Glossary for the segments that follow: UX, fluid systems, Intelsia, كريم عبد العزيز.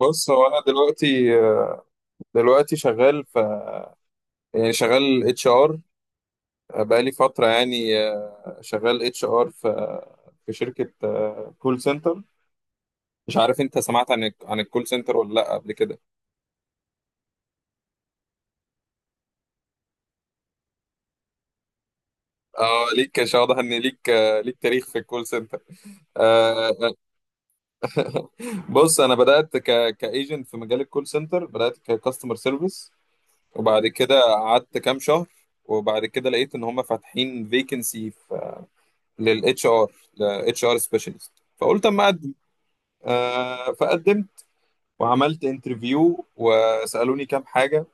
بص، هو انا دلوقتي شغال في يعني شغال اتش ار بقالي فتره. يعني شغال اتش ار في شركه كول سنتر. مش عارف انت سمعت عن الكول سنتر ولا لا قبل كده؟ اه، ليك، مش واضح ان ليك تاريخ في الكول سنتر. آه، بص، انا بدات كايجنت في مجال الكول سنتر، بدات ككاستمر سيرفيس، وبعد كده قعدت كام شهر. وبعد كده لقيت ان هم فاتحين فيكنسي للاتش ار لاتش ار سبيشالست، فقلت اما اقدم. فقدمت وعملت انترفيو وسالوني كام حاجه،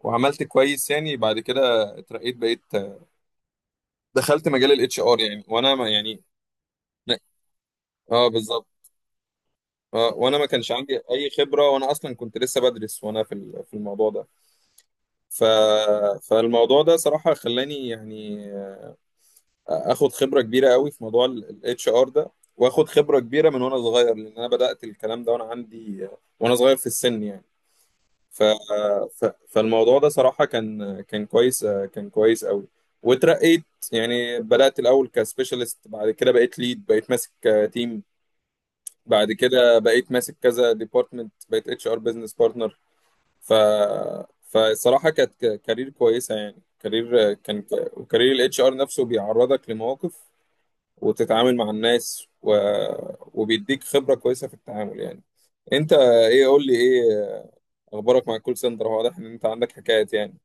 وعملت كويس. يعني بعد كده اترقيت، دخلت مجال الاتش ار يعني وانا ما يعني اه، بالظبط. وانا ما كانش عندي اي خبره، وانا اصلا كنت لسه بدرس وانا في الموضوع ده. ف فالموضوع ده صراحه خلاني يعني اخد خبره كبيره قوي في موضوع الاتش ار ده، واخد خبره كبيره من وانا صغير، لان انا بدات الكلام ده وانا صغير في السن يعني. ف... فالموضوع ده صراحه كان كان كويس كان كويس قوي، واترقيت. يعني بدات الاول كسبيشالست، بعد كده بقيت ليد، بقيت ماسك تيم، بعد كده بقيت ماسك كذا ديبارتمنت، بقيت اتش ار بزنس بارتنر. ف فالصراحه كانت كارير كويسه، يعني كارير كان وكارير الاتش ار نفسه بيعرضك لمواقف، وتتعامل مع الناس، وبيديك خبرة كويسة في التعامل يعني. انت ايه قول لي ايه اخبارك مع الكول سنتر؟ هو واضح ان انت عندك حكايات يعني.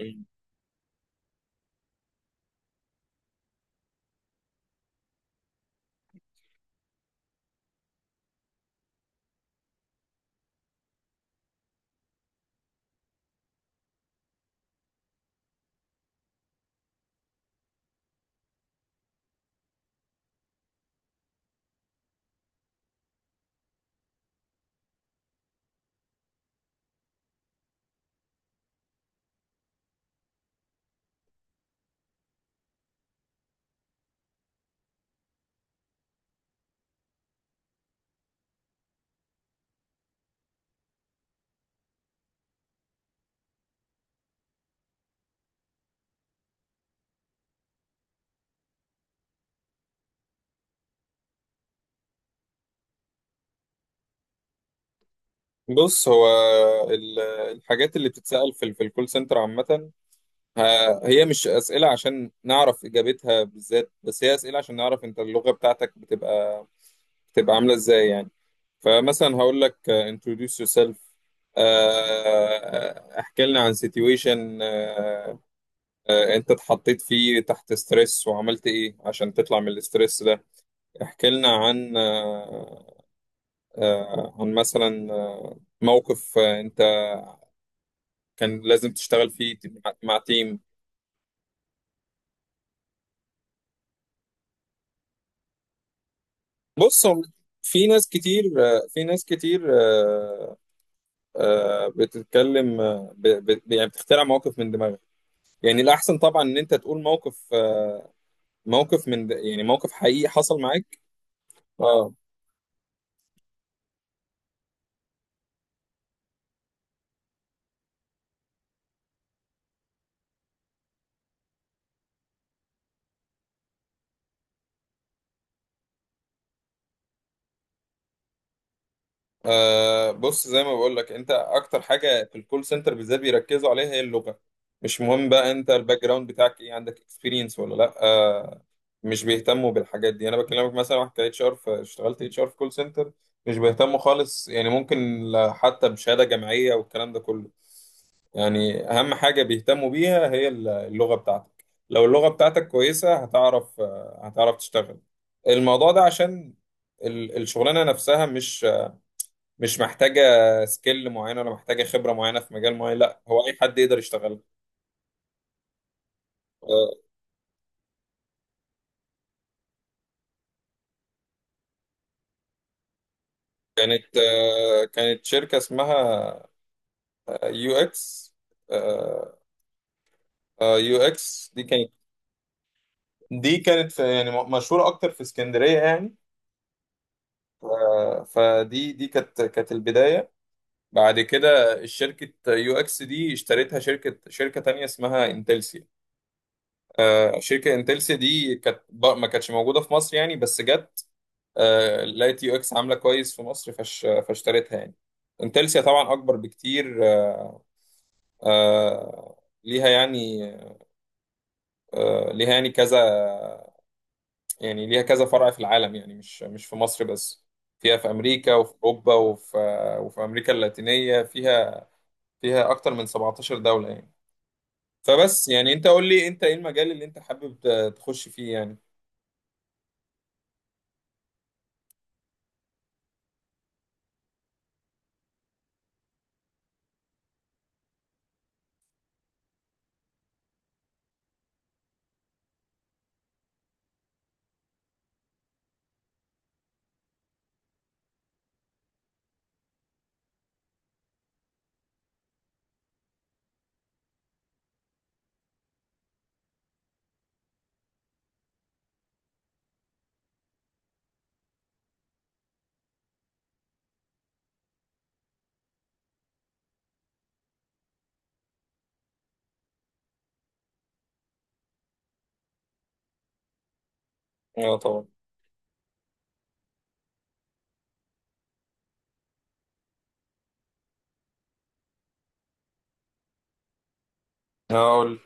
مم. بص، هو ال- الحاجات اللي بتتسأل في الكول سنتر عامة، هي مش أسئلة عشان نعرف إجابتها بالذات، بس هي أسئلة عشان نعرف أنت اللغة بتاعتك بتبقى عاملة إزاي يعني. فمثلا هقول لك introduce yourself. آه، احكي لنا عن situation انت اتحطيت فيه تحت ستريس وعملت ايه عشان تطلع من الاسترس ده. احكي لنا عن آه، آه، عن مثلا آه، موقف انت كان لازم تشتغل فيه مع تيم. بص، هو في ناس كتير، آه، في ناس كتير آه، بتتكلم، يعني بتخترع مواقف من دماغك. يعني الأحسن طبعا إن أنت تقول موقف، يعني موقف حقيقي حصل معاك. اه. بص، زي ما بقول لك، انت اكتر حاجه في الكول سنتر بالذات بيركزوا عليها هي اللغه. مش مهم بقى انت الباك جراوند بتاعك ايه، عندك اكسبيرينس ولا لا. آه، مش بيهتموا بالحاجات دي. انا بكلمك مثلا، واحد كاتش ار اشتغلت اتش ار في كول سنتر، مش بيهتموا خالص يعني. ممكن حتى بشهاده جامعيه والكلام ده كله. يعني اهم حاجه بيهتموا بيها هي اللغه بتاعتك. لو اللغه بتاعتك كويسه، هتعرف، آه، هتعرف تشتغل الموضوع ده، عشان الشغلانه نفسها مش محتاجة سكيل معينة، ولا محتاجة خبرة معينة في مجال معين. لا، هو أي حد يقدر يشتغلها. آه، كانت شركة اسمها يو اكس. يو اكس دي كانت يعني مشهورة أكتر في اسكندرية يعني. آه، دي كانت البداية. بعد كده، شركة يو اكس دي اشتريتها شركة تانية اسمها انتلسيا. آه، شركة انتلسيا دي كانت ما كانتش موجودة في مصر يعني، بس جت. آه، لقيت يو اكس عامله كويس في مصر، فاشتريتها يعني. انتلسيا طبعا اكبر بكتير، آه، آه، ليها يعني، كذا. يعني ليها كذا فرع في العالم، يعني مش مش في مصر بس، فيها في امريكا وفي اوروبا، وفي امريكا اللاتينيه. فيها اكتر من 17 دوله يعني. فبس يعني انت قول لي انت ايه المجال اللي انت حابب تخش فيه يعني. اه طبعا. اقول.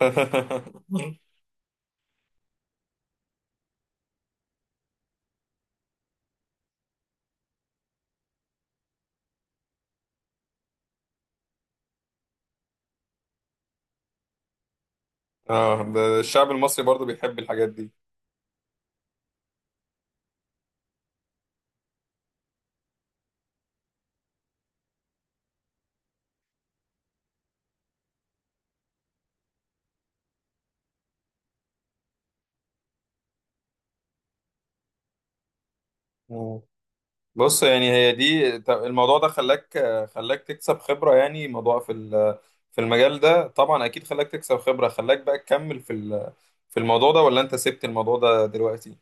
اه، ده الشعب المصري برضو بيحب الحاجات دي. بص، يعني هي دي، الموضوع ده خلاك تكسب خبرة. يعني موضوع في المجال ده، طبعا أكيد خلاك تكسب خبرة. خلاك بقى تكمل في الموضوع ده، ولا أنت سبت الموضوع ده دلوقتي؟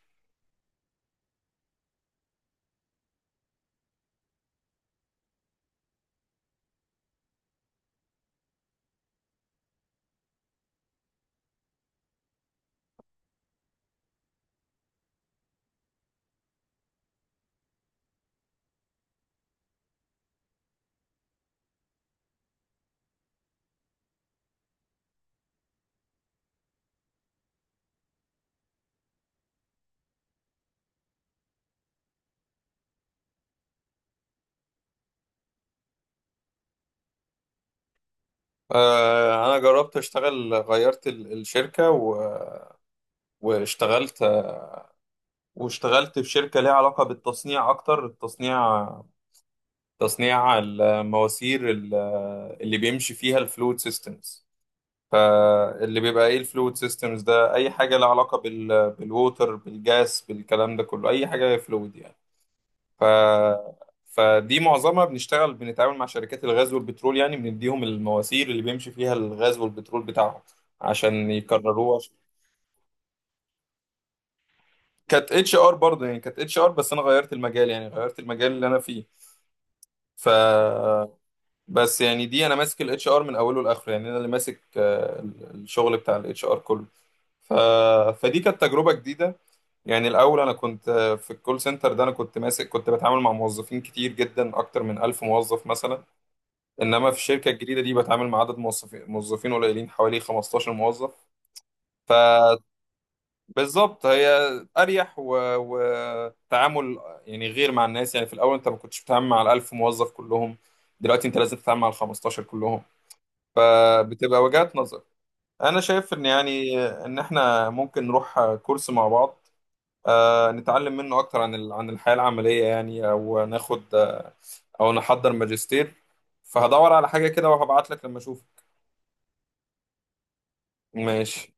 آه، أنا جربت أشتغل، غيرت الشركة واشتغلت واشتغلت في شركة ليها علاقة بالتصنيع أكتر، التصنيع، تصنيع المواسير اللي بيمشي فيها الفلويد سيستمز. فاللي بيبقى ايه الفلويد سيستمز ده؟ اي حاجه لها علاقه بالووتر، بالجاس، بالكلام ده كله، اي حاجه فلويد يعني. ف فدي معظمها بنشتغل، بنتعامل مع شركات الغاز والبترول يعني، بنديهم المواسير اللي بيمشي فيها الغاز والبترول بتاعهم عشان يكرروه عشان- كانت اتش ار برضه. يعني كانت اتش ار، بس انا غيرت المجال، يعني غيرت المجال اللي انا فيه. ف بس يعني دي انا ماسك الاتش ار من اوله لاخره، يعني انا اللي ماسك، آه، الشغل بتاع الاتش ار كله. ف... فدي كانت تجربة جديدة. يعني الأول أنا كنت في الكول سنتر ده، أنا كنت ماسك، كنت بتعامل مع موظفين كتير جدا، أكتر من 1000 موظف مثلا. إنما في الشركة الجديدة دي بتعامل مع عدد موظفين قليلين، حوالي 15 موظف. فبالظبط، هي أريح وتعامل يعني غير مع الناس. يعني في الأول أنت ما كنتش بتتعامل مع ال1000 موظف كلهم، دلوقتي أنت لازم تتعامل مع ال 15 كلهم. فبتبقى وجهات نظر. أنا شايف إن يعني إن إحنا ممكن نروح كورس مع بعض، آه، نتعلم منه اكتر عن عن الحياة العملية يعني، او ناخد، آه، او نحضر ماجستير. فهدور على حاجة كده وهبعت لك لما اشوف. ماشي.